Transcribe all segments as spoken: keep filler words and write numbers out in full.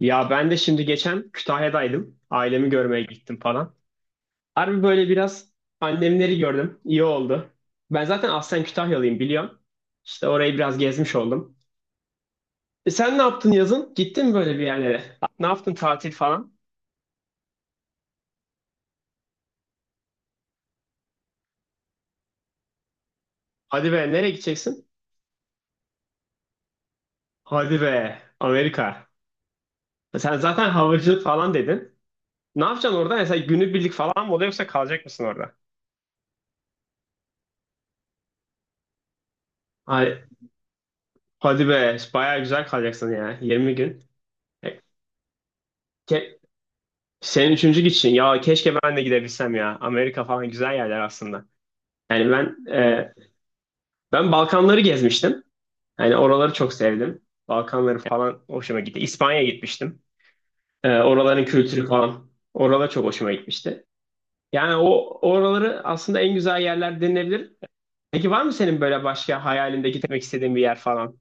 Ya ben de şimdi geçen Kütahya'daydım. Ailemi görmeye gittim falan. Harbi böyle biraz annemleri gördüm. İyi oldu. Ben zaten aslen Kütahyalıyım biliyorum. İşte orayı biraz gezmiş oldum. E sen ne yaptın yazın? Gittin mi böyle bir yerlere? Ne yaptın tatil falan? Hadi be nereye gideceksin? Hadi be Amerika. E sen zaten havacılık falan dedin. Ne yapacaksın orada? Mesela günübirlik falan mı oluyor yoksa kalacak mısın orada? Ay, hadi be bayağı güzel kalacaksın ya yirmi gün. E, ke- Senin üçüncü gidişin. Ya keşke ben de gidebilsem ya. Amerika falan güzel yerler aslında. Yani ben e, ben Balkanları gezmiştim. Yani oraları çok sevdim. Balkanları falan hoşuma gitti. İspanya'ya gitmiştim. E, oraların kültürü falan. Oralar çok hoşuma gitmişti. Yani o oraları aslında en güzel yerler denilebilir. Peki var mı senin böyle başka hayalinde gitmek istediğin bir yer falan?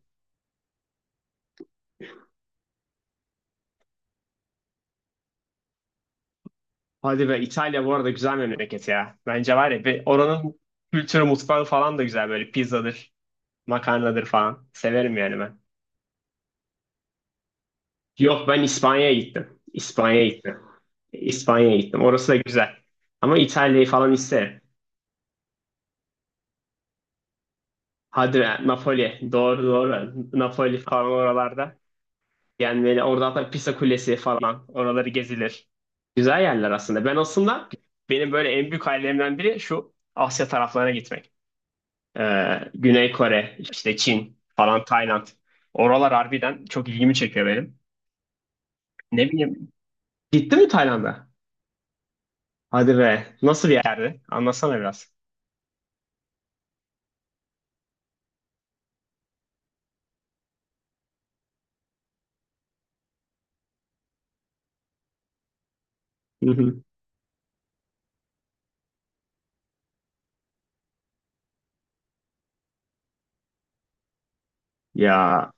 Hadi be İtalya bu arada güzel memleket ya. Bence var ya bir oranın kültürü mutfağı falan da güzel böyle pizzadır, makarnadır falan. Severim yani ben. Yok ben İspanya'ya gittim. İspanya'ya gittim. İspanya'ya gittim. Orası da güzel. Ama İtalya'yı falan isterim. Hadi be, Napoli. Doğru doğru. Napoli falan oralarda. Yani böyle orada hatta Pisa Kulesi falan. Oraları gezilir. Güzel yerler aslında. Ben aslında benim böyle en büyük hayallerimden biri şu Asya taraflarına gitmek. Ee, Güney Kore, işte Çin falan Tayland. Oralar harbiden çok ilgimi çekiyor benim. Ne bileyim. Gittin mi Tayland'a? Hadi be. Nasıl bir yerdi? Anlatsana biraz. Hı hı. Ya,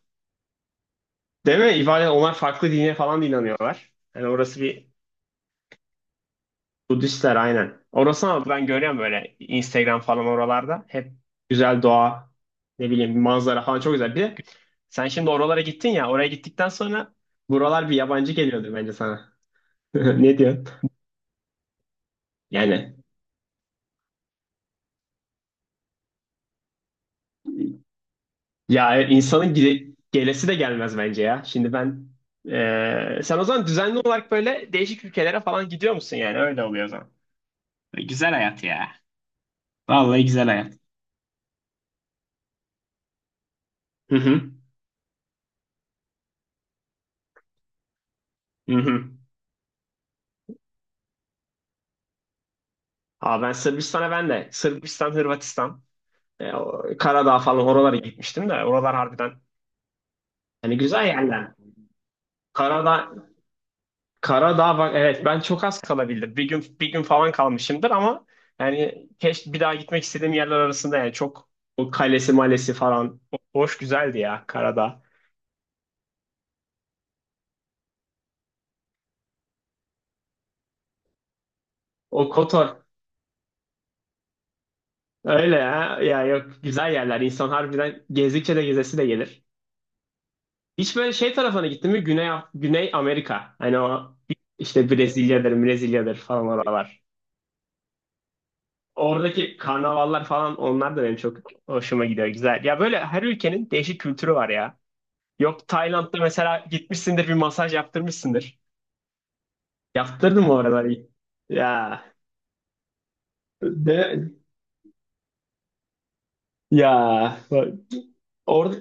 değil mi? İbade, onlar farklı dine falan da inanıyorlar. Yani orası bir. Budistler aynen. Orası ama ben görüyorum böyle Instagram falan oralarda. Hep güzel doğa, ne bileyim manzara falan çok güzel. Bir de sen şimdi oralara gittin ya, oraya gittikten sonra buralar bir yabancı geliyordur bence sana. Ne diyorsun? Yani ya insanın gide- gelesi de gelmez bence ya. Şimdi ben eee, Sen o zaman düzenli olarak böyle değişik ülkelere falan gidiyor musun yani? Öyle oluyor o zaman. Güzel hayat ya. Vallahi güzel hayat. Hı hı. Hı hı. Aa, ben Sırbistan'a Ben de Sırbistan, Hırvatistan, e, o, Karadağ falan oralara gitmiştim de oralar harbiden hani güzel yerler. Karadağ, Karadağ bak evet ben çok az kalabildim. Bir gün bir gün falan kalmışımdır ama yani keşke bir daha gitmek istediğim yerler arasında yani çok o kalesi malesi falan o- hoş güzeldi ya Karadağ. O Kotor öyle ya, ya yok güzel yerler insan harbiden gezdikçe de gezesi de gelir. Hiç böyle şey tarafına gittin mi? Güney, Güney Amerika. Hani o işte Brezilya'dır, Brezilya'dır falan oralar. Oradaki karnavallar falan onlar da benim çok hoşuma gidiyor. Güzel. Ya böyle her ülkenin değişik kültürü var ya. Yok Tayland'da mesela gitmişsindir bir masaj yaptırmışsındır. Yaptırdın mı oraları? Ya. De, ya. Bak, orada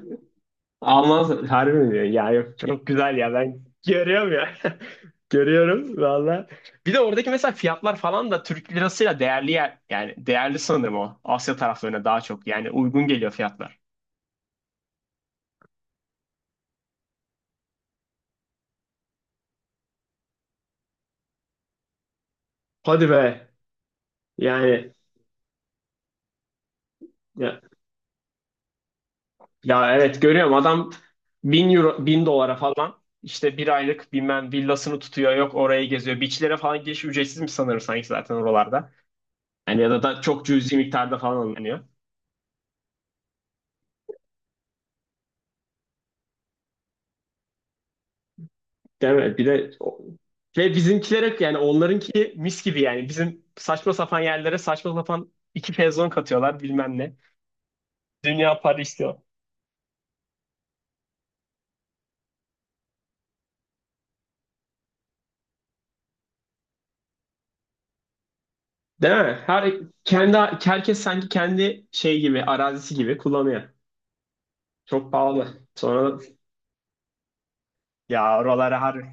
almaz harbi mi diyor? Ya yok çok güzel ya ben görüyorum ya. Görüyorum valla. Bir de oradaki mesela fiyatlar falan da Türk lirasıyla değerli yer, yani değerli sanırım o. Asya taraflarına daha çok yani uygun geliyor fiyatlar. Hadi be. Yani ya, ya evet görüyorum adam bin euro bin dolara falan işte bir aylık bilmem villasını tutuyor yok orayı geziyor. Beachlere falan giriş ücretsizmiş sanırım sanki zaten oralarda. Yani ya da, da çok cüzi miktarda falan alınıyor. Değil mi? Bir de ve bizimkiler hep yani onlarınki mis gibi yani bizim saçma sapan yerlere saçma sapan iki pezon katıyorlar bilmem ne. Dünya para istiyor. Değil mi? Her kendi Herkes sanki kendi şey gibi arazisi gibi kullanıyor. Çok pahalı. Sonra ya oralara harbi.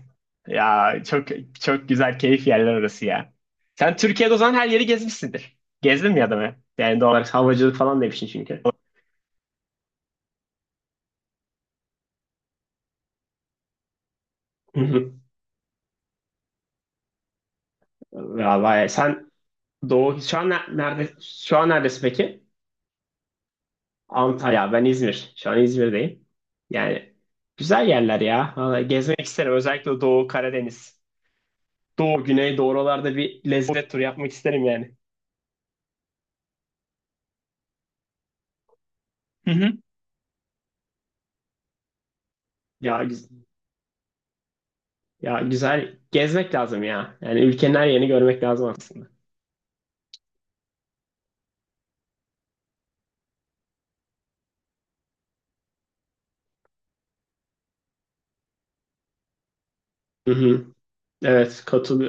Ya çok çok güzel keyif yerler orası ya. Sen Türkiye'de o zaman her yeri gezmişsindir. Gezdin mi ya da be? Yani doğal olarak havacılık falan demişsin çünkü. Hı. Ya vay, sen Doğu şu an ner- nerede şu an neredesin peki? Antalya. Ben İzmir. Şu an İzmir'deyim. Yani güzel yerler ya. Vallahi gezmek isterim. Özellikle Doğu Karadeniz. Doğu, Güney, doğu oralarda bir lezzet turu yapmak isterim yani. Hı hı. Ya, güz- ya güzel gezmek lazım ya. Yani ülkenin her yerini görmek lazım aslında. Hı hı. Evet katıl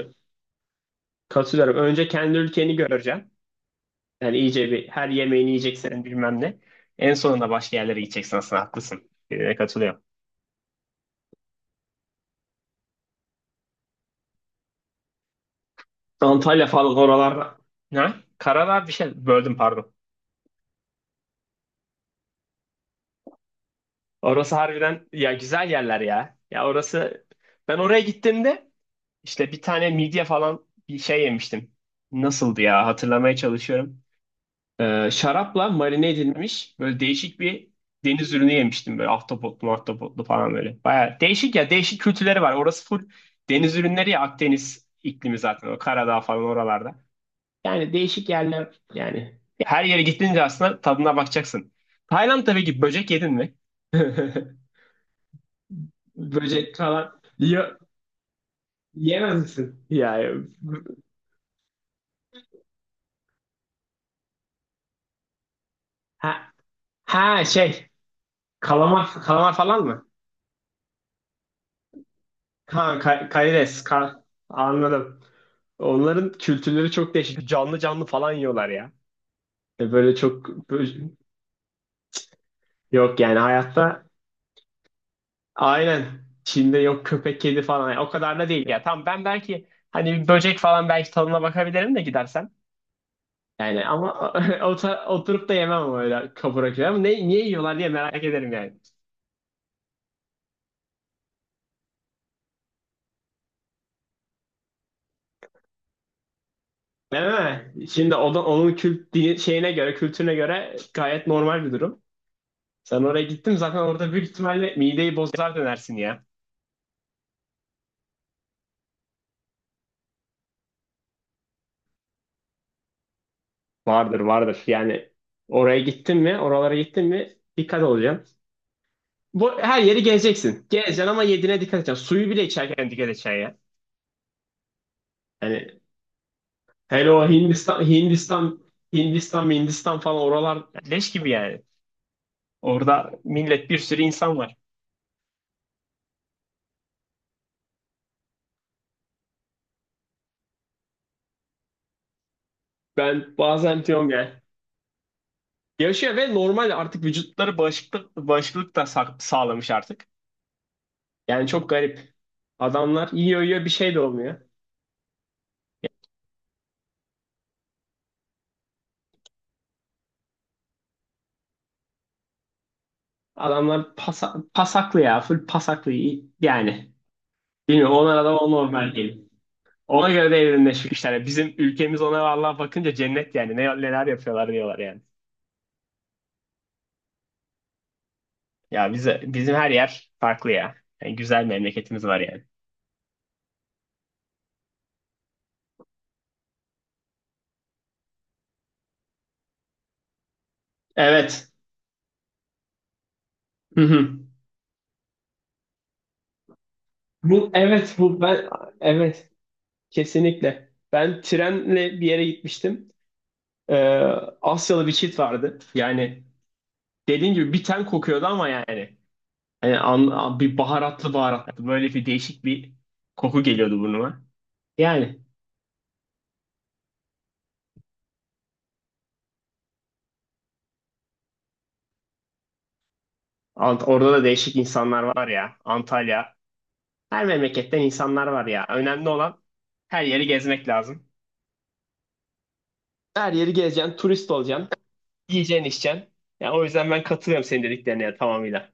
katılıyorum. Önce kendi ülkeni göreceksin. Yani iyice bir her yemeğini yiyeceksin bilmem ne. En sonunda başka yerlere gideceksin aslında haklısın. Ee, Katılıyorum. Antalya falan oralarda. Ne? Karadağ bir şey böldüm pardon. Orası harbiden ya güzel yerler ya. Ya orası ben oraya gittiğimde işte bir tane midye falan bir şey yemiştim. Nasıldı ya hatırlamaya çalışıyorum. Ee, şarapla marine edilmiş böyle değişik bir deniz ürünü yemiştim böyle ahtapotlu ahtapotlu falan böyle. Baya değişik ya değişik kültürleri var. Orası full deniz ürünleri ya Akdeniz iklimi zaten o Karadağ falan oralarda. Yani değişik yerler yani. Her yere gittiğince aslında tadına bakacaksın. Tayland'da peki böcek yedin mi? Böcek falan. Yo, yemez misin? Ya, ya. Ha, ha şey kalamar kalamar falan mı? Ha, ka karides, ka anladım. Onların kültürleri çok değişik. Canlı canlı falan yiyorlar ya. E, Böyle çok bö- yok yani hayatta. Aynen. Çin'de yok köpek kedi falan. Yani o kadar da değil ya. Tamam ben belki hani bir böcek falan belki tadına bakabilirim de gidersem. Yani ama ota- oturup da yemem ama öyle kapora gibi. Ama ne, niye yiyorlar diye merak ederim yani. Değil mi? Şimdi o da, onun kült dini- şeyine göre, kültürüne göre gayet normal bir durum. Sen oraya gittin zaten orada büyük ihtimalle mideyi bozar dönersin ya. Vardır vardır. Yani oraya gittin mi, oralara gittin mi dikkat olacaksın. Bu her yeri gezeceksin. Gezeceksin ama yediğine dikkat edeceksin. Suyu bile içerken dikkat edeceksin ya. Hani hele o Hindistan, Hindistan, Hindistan, Hindistan falan oralar leş gibi yani. Orada millet bir sürü insan var. Ben bazen diyorum ya. Yaşıyor ve normal artık vücutları bağışıklık, bağışıklık da sa- sağlamış artık. Yani çok garip. Adamlar yiyor yiyor bir şey de olmuyor. Adamlar pasa- pasaklı ya. Full pasaklı. Yani bilmiyorum onlara da o normal geliyor. Ona göre de evrimleşmişler. Yani bizim ülkemiz ona vallahi bakınca cennet yani. Ne, neler yapıyorlar diyorlar yani. Ya bize, bizim her yer farklı ya. Yani güzel memleketimiz var yani. Evet. Hı hı. Bu evet bu ben evet kesinlikle. Ben trenle bir yere gitmiştim. Ee, Asyalı bir çift vardı. Yani dediğin gibi bir ten kokuyordu ama yani. Hani an- an- bir baharatlı baharatlı böyle bir değişik bir koku geliyordu burnuma. Yani Ant- orada da değişik insanlar var ya. Antalya. Her memleketten insanlar var ya. Önemli olan her yeri gezmek lazım. Her yeri gezeceksin, turist olacaksın, yiyeceksin, içeceksin. Ya o yüzden ben katılıyorum senin dediklerine ya, tamamıyla.